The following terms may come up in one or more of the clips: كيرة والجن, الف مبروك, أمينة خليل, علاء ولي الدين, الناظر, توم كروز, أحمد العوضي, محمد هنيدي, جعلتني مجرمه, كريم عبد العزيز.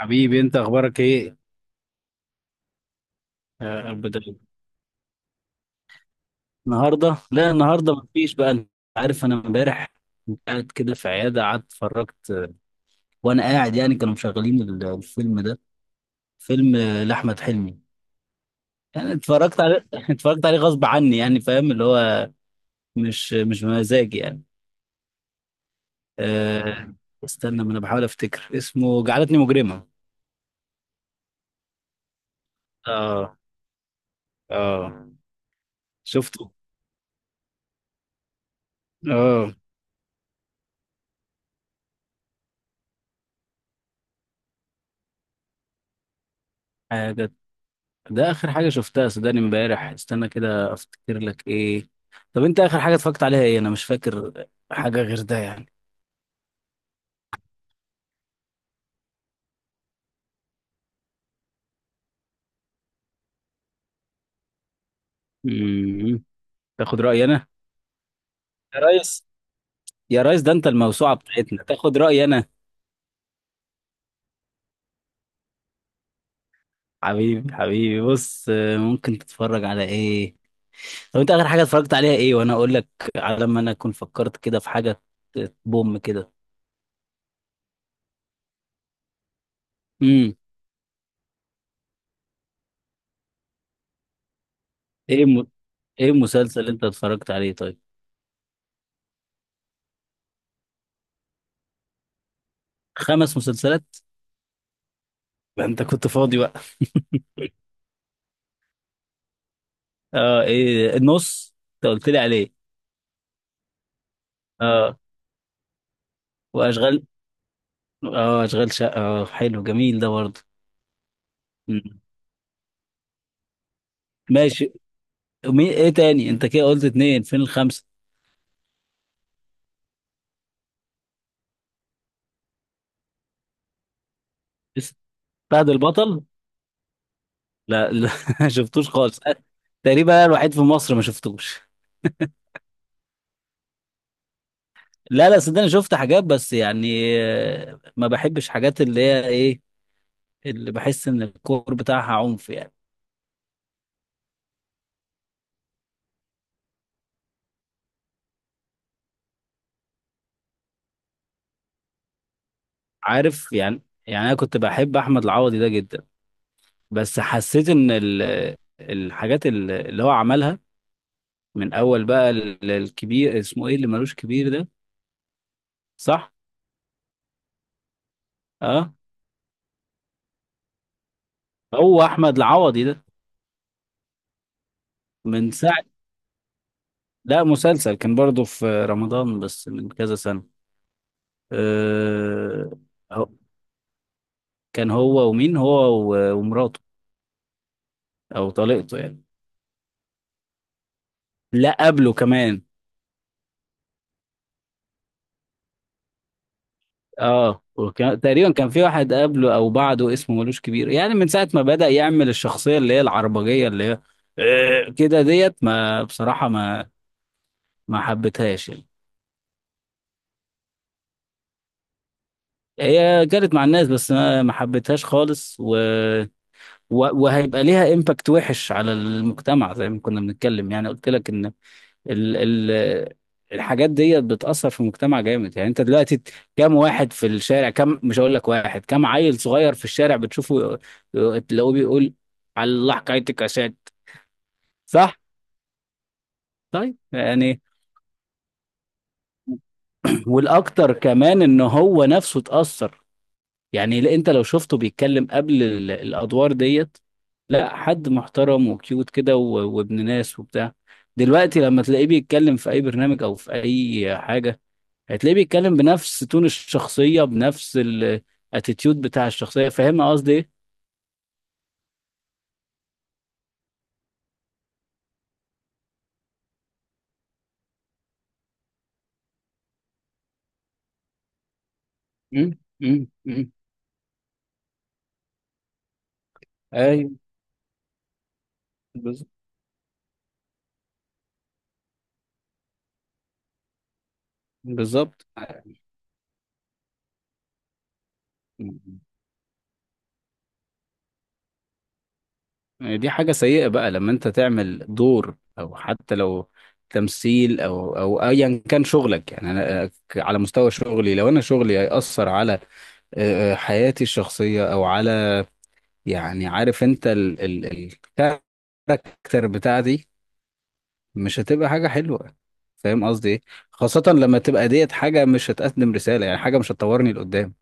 حبيبي، انت اخبارك ايه؟ يا رب دايما. النهارده لا النهارده مفيش. بقى انت عارف، انا امبارح كنت قاعد كده في عياده، قعدت اتفرجت. وانا قاعد، يعني كانوا مشغلين الفيلم ده. فيلم، لاحمد حلمي. يعني اتفرجت عليه اتفرجت عليه غصب عني، يعني فاهم اللي هو، مش بمزاجي يعني. أه... استنى، ما انا بحاول افتكر اسمه. جعلتني مجرمه. اه، اه. شفته. اه. حاجه. ده اخر حاجه شفتها، صدقني امبارح. استنى كده افتكر لك ايه. طب انت اخر حاجه اتفرجت عليها ايه؟ انا مش فاكر حاجه غير ده يعني. امم. تاخد رايي انا؟ يا ريس، يا ريس، ده انت الموسوعه بتاعتنا تاخد رايي انا؟ حبيبي، حبيبي، بص، ممكن تتفرج على ايه؟ طب انت اخر حاجه اتفرجت عليها ايه وانا اقول لك؟ على ما انا اكون فكرت كده في حاجه. بوم كده. امم. ايه ايه المسلسل اللي انت اتفرجت عليه طيب؟ خمس مسلسلات! ما انت كنت فاضي بقى. اه، ايه النص انت قلت لي عليه؟ اه، واشغال. اه، اشغال شقه. اه، حلو جميل ده برضه. مم. ماشي. مين ايه تاني؟ انت كده قلت اتنين، فين الخمسه؟ بس فهد البطل. لا، لا، ما شفتوش خالص، تقريبا انا الوحيد في مصر ما شفتوش. لا، لا، صدقني شفت حاجات بس يعني، ما بحبش حاجات اللي هي ايه، اللي بحس ان الكور بتاعها عنف يعني. عارف يعني انا كنت بحب احمد العوضي ده جدا، بس حسيت ان الحاجات اللي هو عملها من اول بقى. الكبير اسمه ايه، اللي ملوش كبير ده؟ صح. اه، هو احمد العوضي ده. من ساعه. لا، مسلسل كان برضه في رمضان، بس من كذا سنه. آه. هو- كان هو ومين؟ هو ومراته، او طليقته يعني. لا، قبله كمان. اه، وكان تقريبا كان في واحد قبله او بعده اسمه ملوش كبير، يعني من ساعه ما بدأ يعمل الشخصيه اللي هي العربجيه اللي هي، كده ديت، ما بصراحه ما حبيتهاش يعني. هي جرت مع الناس، بس ما حبيتهاش خالص، و... وهيبقى ليها امباكت وحش على المجتمع، زي ما كنا بنتكلم يعني، قلت لك ان ال ال الحاجات دي بتأثر في المجتمع جامد. يعني انت دلوقتي كام واحد في الشارع، كام، مش هقول لك واحد، كام عيل صغير في الشارع بتشوفه تلاقوه بيقول، على الله حكايتك يا سات. صح. طيب يعني والاكتر كمان ان هو نفسه اتأثر. يعني لا، انت لو شفته بيتكلم قبل الادوار ديت، لا، حد محترم وكيوت كده، وابن ناس وبتاع. دلوقتي لما تلاقيه بيتكلم في اي برنامج او في اي حاجة، هتلاقيه بيتكلم بنفس تون الشخصية، بنفس الاتيتيود بتاع الشخصية. فاهم قصدي ايه؟ مم، مم، مم. ايوه، بالظبط، بالظبط. يعني دي حاجة سيئة بقى لما انت تعمل دور، او حتى لو تمثيل، او ايا كان شغلك. يعني انا، على مستوى شغلي، لو انا شغلي هيأثر على، حياتي الشخصية، او على، يعني عارف انت ال ال الكاركتر بتاعتي مش هتبقى حاجة حلوة. فاهم قصدي ايه؟ خاصة لما تبقى ديت حاجة مش هتقدم رسالة، يعني حاجة مش هتطورني لقدام.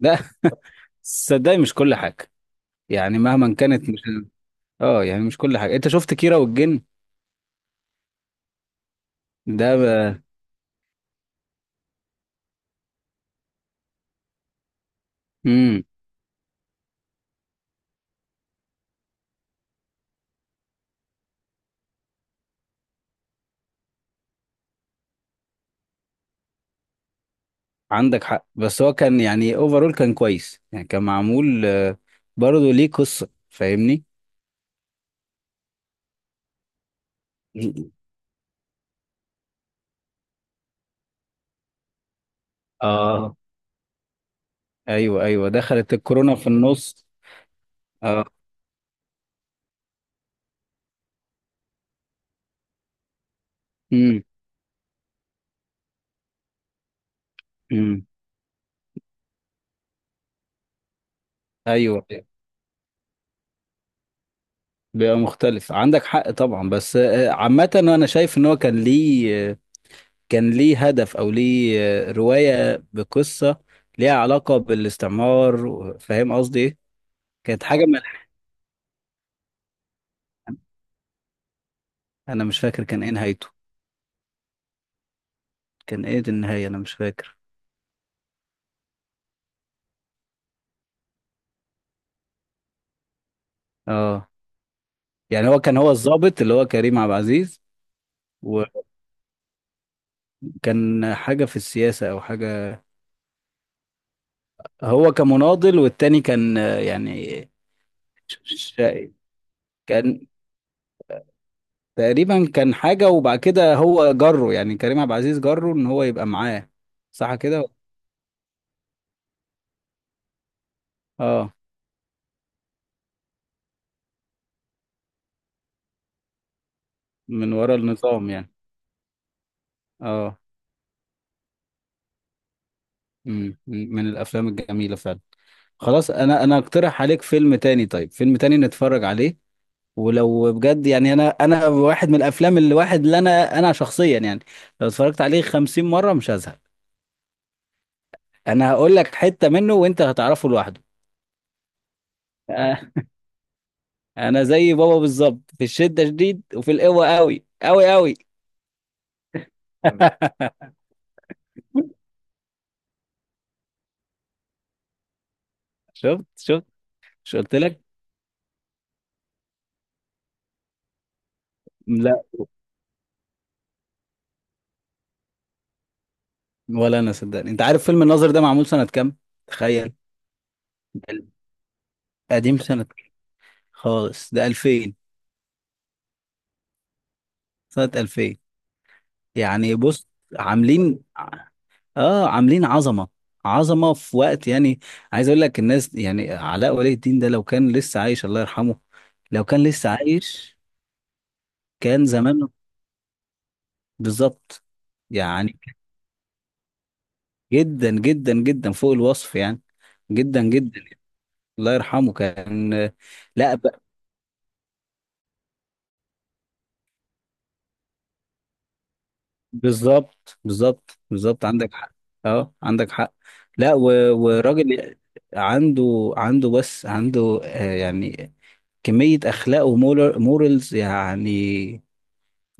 لا، صدقني، مش كل حاجة. يعني مهما كانت، مش، اه يعني مش كل حاجة. انت شفت كيرة والجن؟ ده مم. عندك حق، بس هو كان، يعني اوفرول كان كويس، يعني كان معمول، برضه ليه قصة، فاهمني. اه، ايوه، ايوه، دخلت الكورونا في النص. اه. امم، امم. ايوه، بيبقى مختلف، عندك حق طبعا. بس عامة انا شايف ان هو كان ليه، كان ليه هدف او ليه، رواية بقصة ليها علاقة بالاستعمار. فاهم قصدي ايه؟ كانت حاجة انا مش فاكر كان ايه نهايته. كان ايه دي النهاية؟ انا مش فاكر. اه يعني، هو كان هو الضابط اللي هو كريم عبد العزيز، وكان حاجة في السياسة او حاجة. هو كمناضل، والتاني كان، ش- ش- كان تقريبا كان حاجة، وبعد كده هو جره، يعني كريم عبد العزيز جره ان هو يبقى معاه. صح كده. اه، من ورا النظام يعني. اه. مم. من الافلام الجميلة فعلا. خلاص، انا اقترح عليك فيلم تاني. طيب فيلم تاني نتفرج عليه، ولو بجد يعني، انا واحد من الافلام اللي واحد اللي انا شخصيا، يعني لو اتفرجت عليه 50 مرة مش هزهق. انا هقول لك حتة منه وانت هتعرفه لوحده. آه. انا زي بابا بالظبط، في الشدة شديد وفي القوة قوي قوي قوي. شفت، شفت. مش قلت لك؟ لا. ولا انا، صدقني. انت عارف فيلم الناظر ده معمول سنة كام؟ تخيل. قديم، سنة خالص، ده 2000. سنة 2000. يعني بص، عاملين اه عاملين عظمة. عظمة في وقت، يعني عايز اقول لك، الناس يعني علاء ولي الدين ده لو كان لسه عايش، الله يرحمه، لو كان لسه عايش كان زمانه. بالظبط. يعني جدا جدا جدا، فوق الوصف يعني. جدا، جدا. الله يرحمه كان. لا، بالظبط، بالظبط، بالظبط، عندك حق. اه عندك حق. لا، وراجل عنده بس عنده، يعني كمية أخلاق ومورالز يعني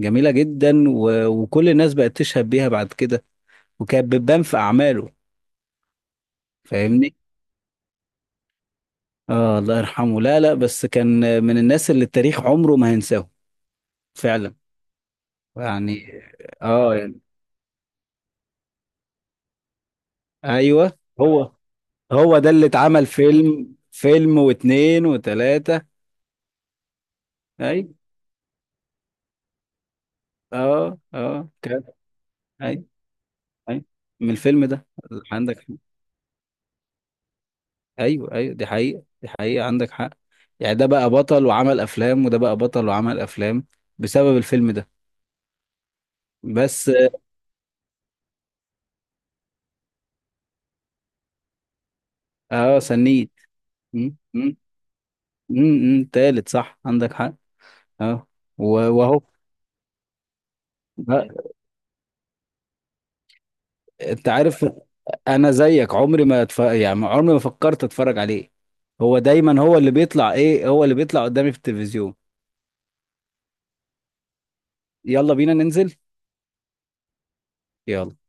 جميلة جدا، وكل الناس بقت تشهد بيها بعد كده، وكانت بتبان في أعماله. فاهمني؟ اه، الله يرحمه. لا، لا، بس كان من الناس اللي التاريخ عمره ما هينساه. فعلا. يعني اه يعني. ايوه، هو ده اللي اتعمل، فيلم واتنين وتلاتة. اي، اه، اه كده. اي. اي، من الفيلم ده. عندك حق. ايوه، ايوه، دي حقيقة، دي حقيقة، عندك حق. يعني ده بقى بطل وعمل افلام، وده بقى بطل وعمل افلام، بسبب الفيلم ده. بس اه، سنيد. م- م- تالت، صح، عندك حق. اه، وهو. لا، انت عارف، انا زيك عمري ما يعني عمري ما فكرت اتفرج عليه. هو دايما هو اللي بيطلع، ايه، هو اللي بيطلع قدامي في التلفزيون. يلا بينا ننزل. يلا.